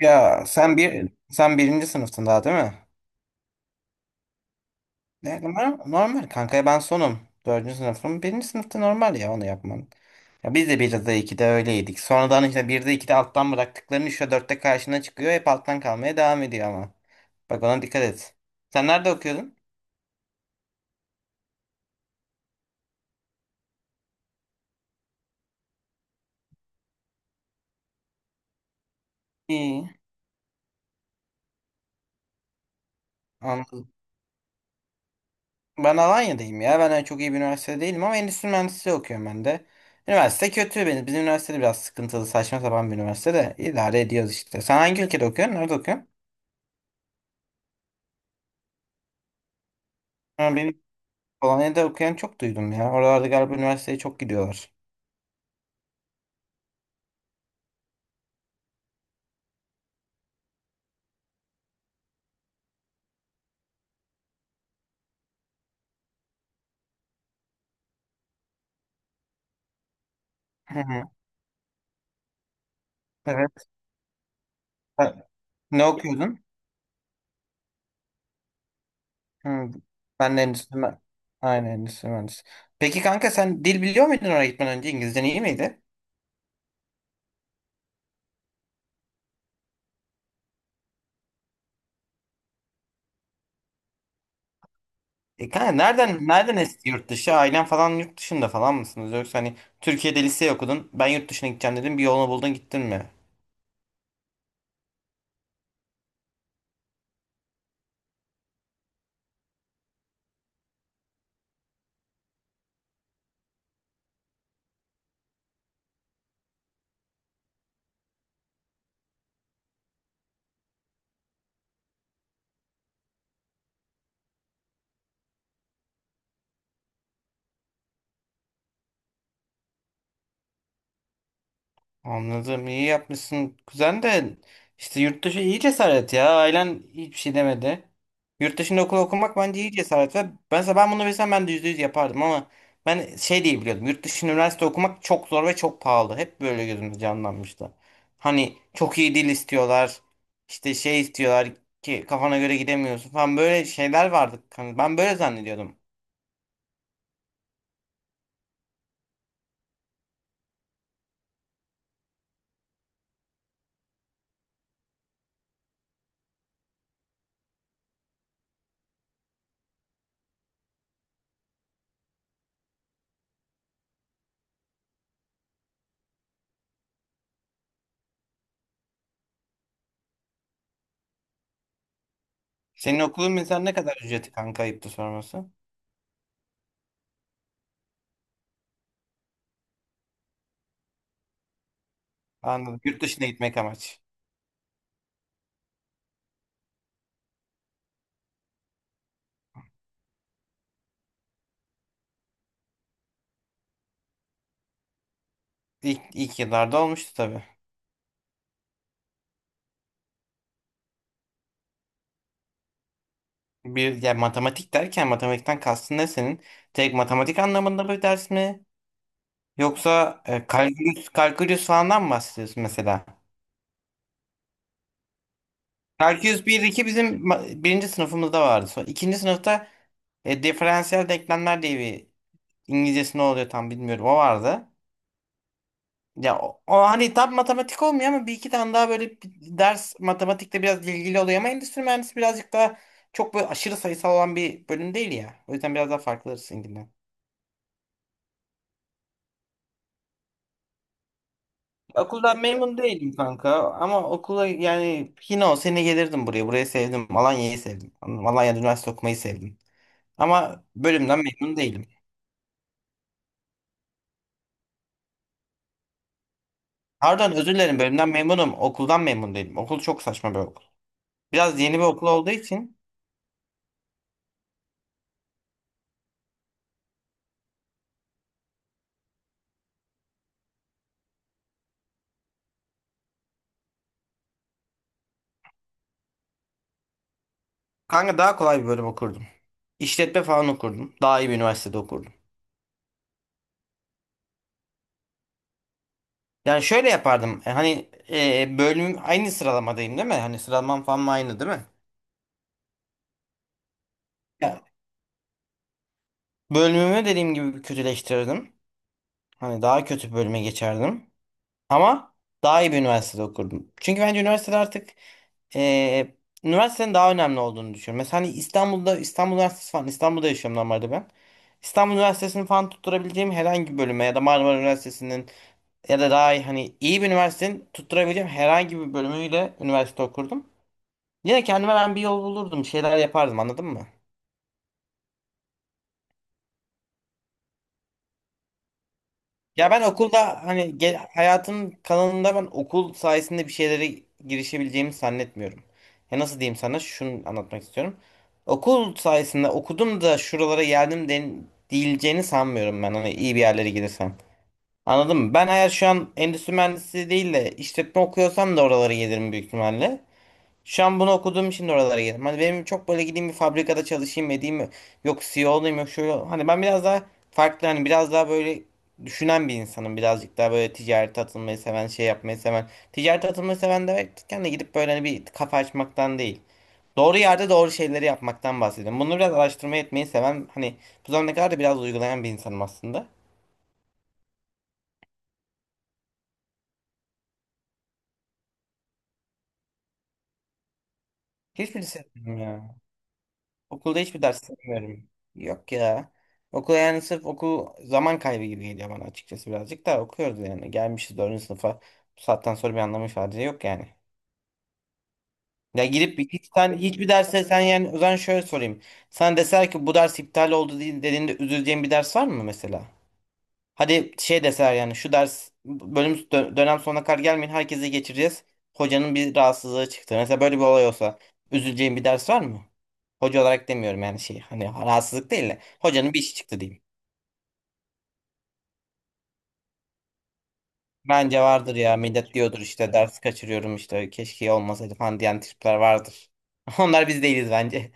Ya sen birinci sınıftın daha değil mi? Ne, normal kanka ben sonum. Dördüncü sınıfım. Birinci sınıfta normal ya onu yapman. Ya biz de bir de iki de öyleydik. Sonradan işte bir de iki de alttan bıraktıkların üçte dörtte karşına çıkıyor. Hep alttan kalmaya devam ediyor ama. Bak ona dikkat et. Sen nerede okuyordun? İyi. Anladım. Ben Alanya'dayım ya. Ben öyle çok iyi bir üniversitede değilim ama endüstri mühendisliği okuyorum ben de. Üniversite kötü benim. Bizim üniversitede biraz sıkıntılı, saçma sapan bir üniversite de idare ediyoruz işte. Sen hangi ülkede okuyorsun? Nerede okuyorsun? Ha, benim Polonya'da okuyan çok duydum ya. Oralarda galiba üniversiteye çok gidiyorlar. Hı hı. Evet. Sen ne okuyordun? Hı, ben de endüstri mühendisi. Aynen endüstri mühendisi. Peki kanka sen dil biliyor muydun oraya gitmeden önce? İngilizcen iyi miydi? E kanka nereden esti yurt dışı? Ailen falan yurt dışında falan mısınız? Yoksa hani Türkiye'de lise okudun. Ben yurt dışına gideceğim dedim. Bir yolunu buldun gittin mi? Anladım. İyi yapmışsın. Kuzen de işte yurt dışı iyi cesaret ya. Ailen hiçbir şey demedi. Yurt dışında okul okumak bence iyi cesaret ve ben bunu bilsem ben de yüzde yüz yapardım ama ben şey diye biliyordum. Yurt dışında üniversite okumak çok zor ve çok pahalı. Hep böyle gözümde canlanmıştı. Hani çok iyi dil istiyorlar. İşte şey istiyorlar ki kafana göre gidemiyorsun falan böyle şeyler vardı. Hani ben böyle zannediyordum. Senin okulun mesela ne kadar ücreti kanka, ayıptı sorması? Anladım. Yurt dışına gitmek amaç. İlk yıllarda olmuştu tabii. Bir ya, matematik derken matematikten kastın ne senin? Tek matematik anlamında bir ders mi? Yoksa kalkülüs falandan mı bahsediyorsun mesela? Kalkülüs bir iki bizim birinci sınıfımızda vardı. Sonra ikinci sınıfta diferansiyel denklemler diye bir, İngilizcesi ne oluyor tam bilmiyorum, o vardı. Ya o hani tam matematik olmuyor ama bir iki tane daha böyle bir ders matematikte biraz ilgili oluyor ama endüstri mühendisi birazcık daha çok böyle aşırı sayısal olan bir bölüm değil ya. O yüzden biraz daha farklı sizinkinden. Okuldan memnun değilim kanka ama okula yani yine o sene gelirdim buraya. Burayı sevdim. Alanya'yı sevdim. Anladım. Alanya'da üniversite okumayı sevdim. Ama bölümden memnun değilim. Pardon, özür dilerim, bölümden memnunum. Okuldan memnun değilim. Okul çok saçma bir okul. Biraz yeni bir okul olduğu için kanka daha kolay bir bölüm okurdum. İşletme falan okurdum. Daha iyi bir üniversitede okurdum. Yani şöyle yapardım. Hani bölümüm aynı, sıralamadayım değil mi? Hani sıralamam falan aynı değil mi? Ya, bölümümü dediğim gibi kötüleştirirdim. Hani daha kötü bir bölüme geçerdim. Ama daha iyi bir üniversitede okurdum. Çünkü bence üniversitede artık e, üniversitenin daha önemli olduğunu düşünüyorum. Mesela hani İstanbul'da, İstanbul Üniversitesi falan, İstanbul'da yaşıyorum normalde ben. İstanbul Üniversitesi'ni falan tutturabileceğim herhangi bir bölüme ya da Marmara Üniversitesi'nin ya da daha iyi, hani iyi bir üniversitenin tutturabileceğim herhangi bir bölümüyle üniversite okurdum. Yine kendime ben bir yol bulurdum, bir şeyler yapardım, anladın mı? Ya ben okulda hani hayatın kalanında ben okul sayesinde bir şeylere girişebileceğimi zannetmiyorum. Ya nasıl diyeyim, sana şunu anlatmak istiyorum. Okul sayesinde okudum da şuralara geldim den diyileceğini sanmıyorum ben, hani iyi bir yerlere gidersem. Anladın mı? Ben eğer şu an endüstri mühendisi değil de işletme okuyorsam da oralara gelirim büyük ihtimalle. Şu an bunu okuduğum için de oralara geldim. Hani benim çok böyle gideyim bir fabrikada çalışayım edeyim mi? Yok CEO olayım, yok şöyle, hani ben biraz daha farklı, hani biraz daha böyle düşünen bir insanım. Birazcık daha böyle ticarete atılmayı seven, şey yapmayı seven. Ticarete atılmayı seven derken de gidip böyle hani bir kafa açmaktan değil. Doğru yerde doğru şeyleri yapmaktan bahsediyorum. Bunu biraz araştırma etmeyi seven, hani bu zamana kadar da biraz uygulayan bir insanım aslında. Hiçbirisi. Okulda hiçbir ders sevmiyorum. Yok ya. Okul yani, sırf okul zaman kaybı gibi geliyor bana açıkçası, birazcık da okuyoruz yani. Gelmişiz 4. sınıfa. Bu saatten sonra bir anlamı ifade yok yani. Ya girip hiç sen hiçbir derse sen, yani o zaman şöyle sorayım. Sen deser ki bu ders iptal oldu dediğinde üzüleceğin bir ders var mı mesela? Hadi şey deseler yani şu ders bölüm dönem sonuna kadar gelmeyin, herkese geçireceğiz. Hocanın bir rahatsızlığı çıktı. Mesela böyle bir olay olsa üzüleceğin bir ders var mı? Hoca olarak demiyorum yani şey, hani rahatsızlık değil de hocanın bir işi çıktı diyeyim. Bence vardır ya, millet diyordur işte ders kaçırıyorum, işte keşke olmasaydı falan diyen tipler vardır. Onlar biz değiliz bence.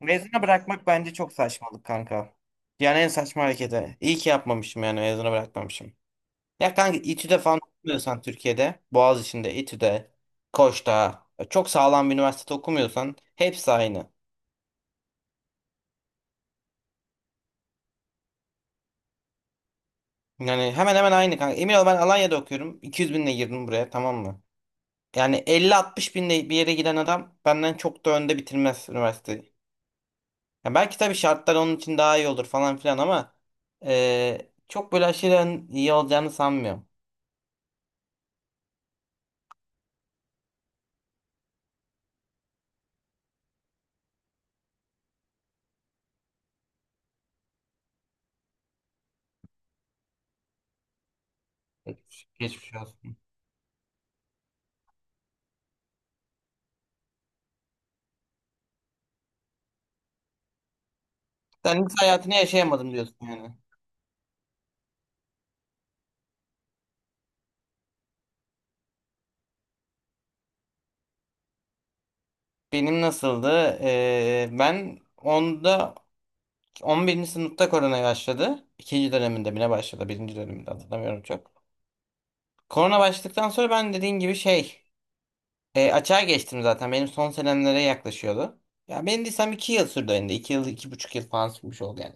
Mezuna bırakmak bence çok saçmalık kanka. Yani en saçma hareketi. İyi ki yapmamışım yani, mezuna bırakmamışım. Ya kanka İTÜ'de falan okumuyorsan Türkiye'de, Boğaziçi'nde, İTÜ'de, Koç'ta, çok sağlam bir üniversitede okumuyorsan hepsi aynı. Yani hemen hemen aynı kanka. Emin ol, ben Alanya'da okuyorum. 200 binle girdim buraya, tamam mı? Yani 50-60 binle bir yere giden adam benden çok da önde bitirmez üniversiteyi. Ya belki tabii şartlar onun için daha iyi olur falan filan ama çok böyle aşırı iyi olacağını sanmıyorum. Geçmiş olsun. Sen lise hayatını yaşayamadım diyorsun yani. Benim nasıldı? Ben 11. sınıfta korona başladı. İkinci döneminde bile başladı. Birinci döneminde hatırlamıyorum çok. Korona başladıktan sonra ben dediğin gibi açığa geçtim zaten. Benim son senemlere yaklaşıyordu. Ya benim desem 2 yıl sürdü yani. İki yıl, iki buçuk yıl falan sürmüş oldu yani.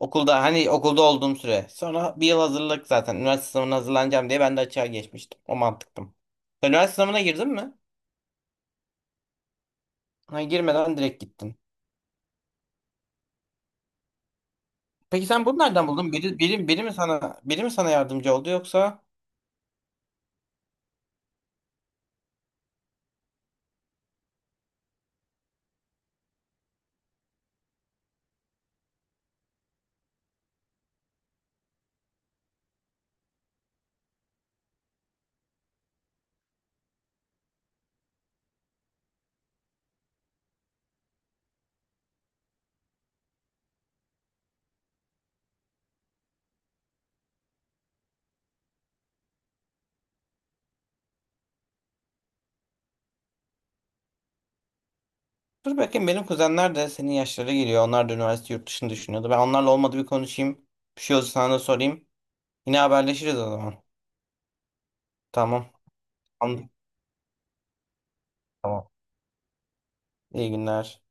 Okulda hani, okulda olduğum süre. Sonra bir yıl hazırlık zaten. Üniversite sınavına hazırlanacağım diye ben de açığa geçmiştim. O mantıktım. Sen üniversite sınavına girdin mi? Hayır, girmeden direkt gittin. Peki sen bunu nereden buldun? Biri mi sana yardımcı oldu yoksa? Dur bakayım, benim kuzenler de senin yaşlara geliyor. Onlar da üniversite yurt dışını düşünüyordu. Ben onlarla olmadı bir konuşayım. Bir şey olursa sana da sorayım. Yine haberleşiriz o zaman. Tamam. Anladım. Tamam. İyi günler.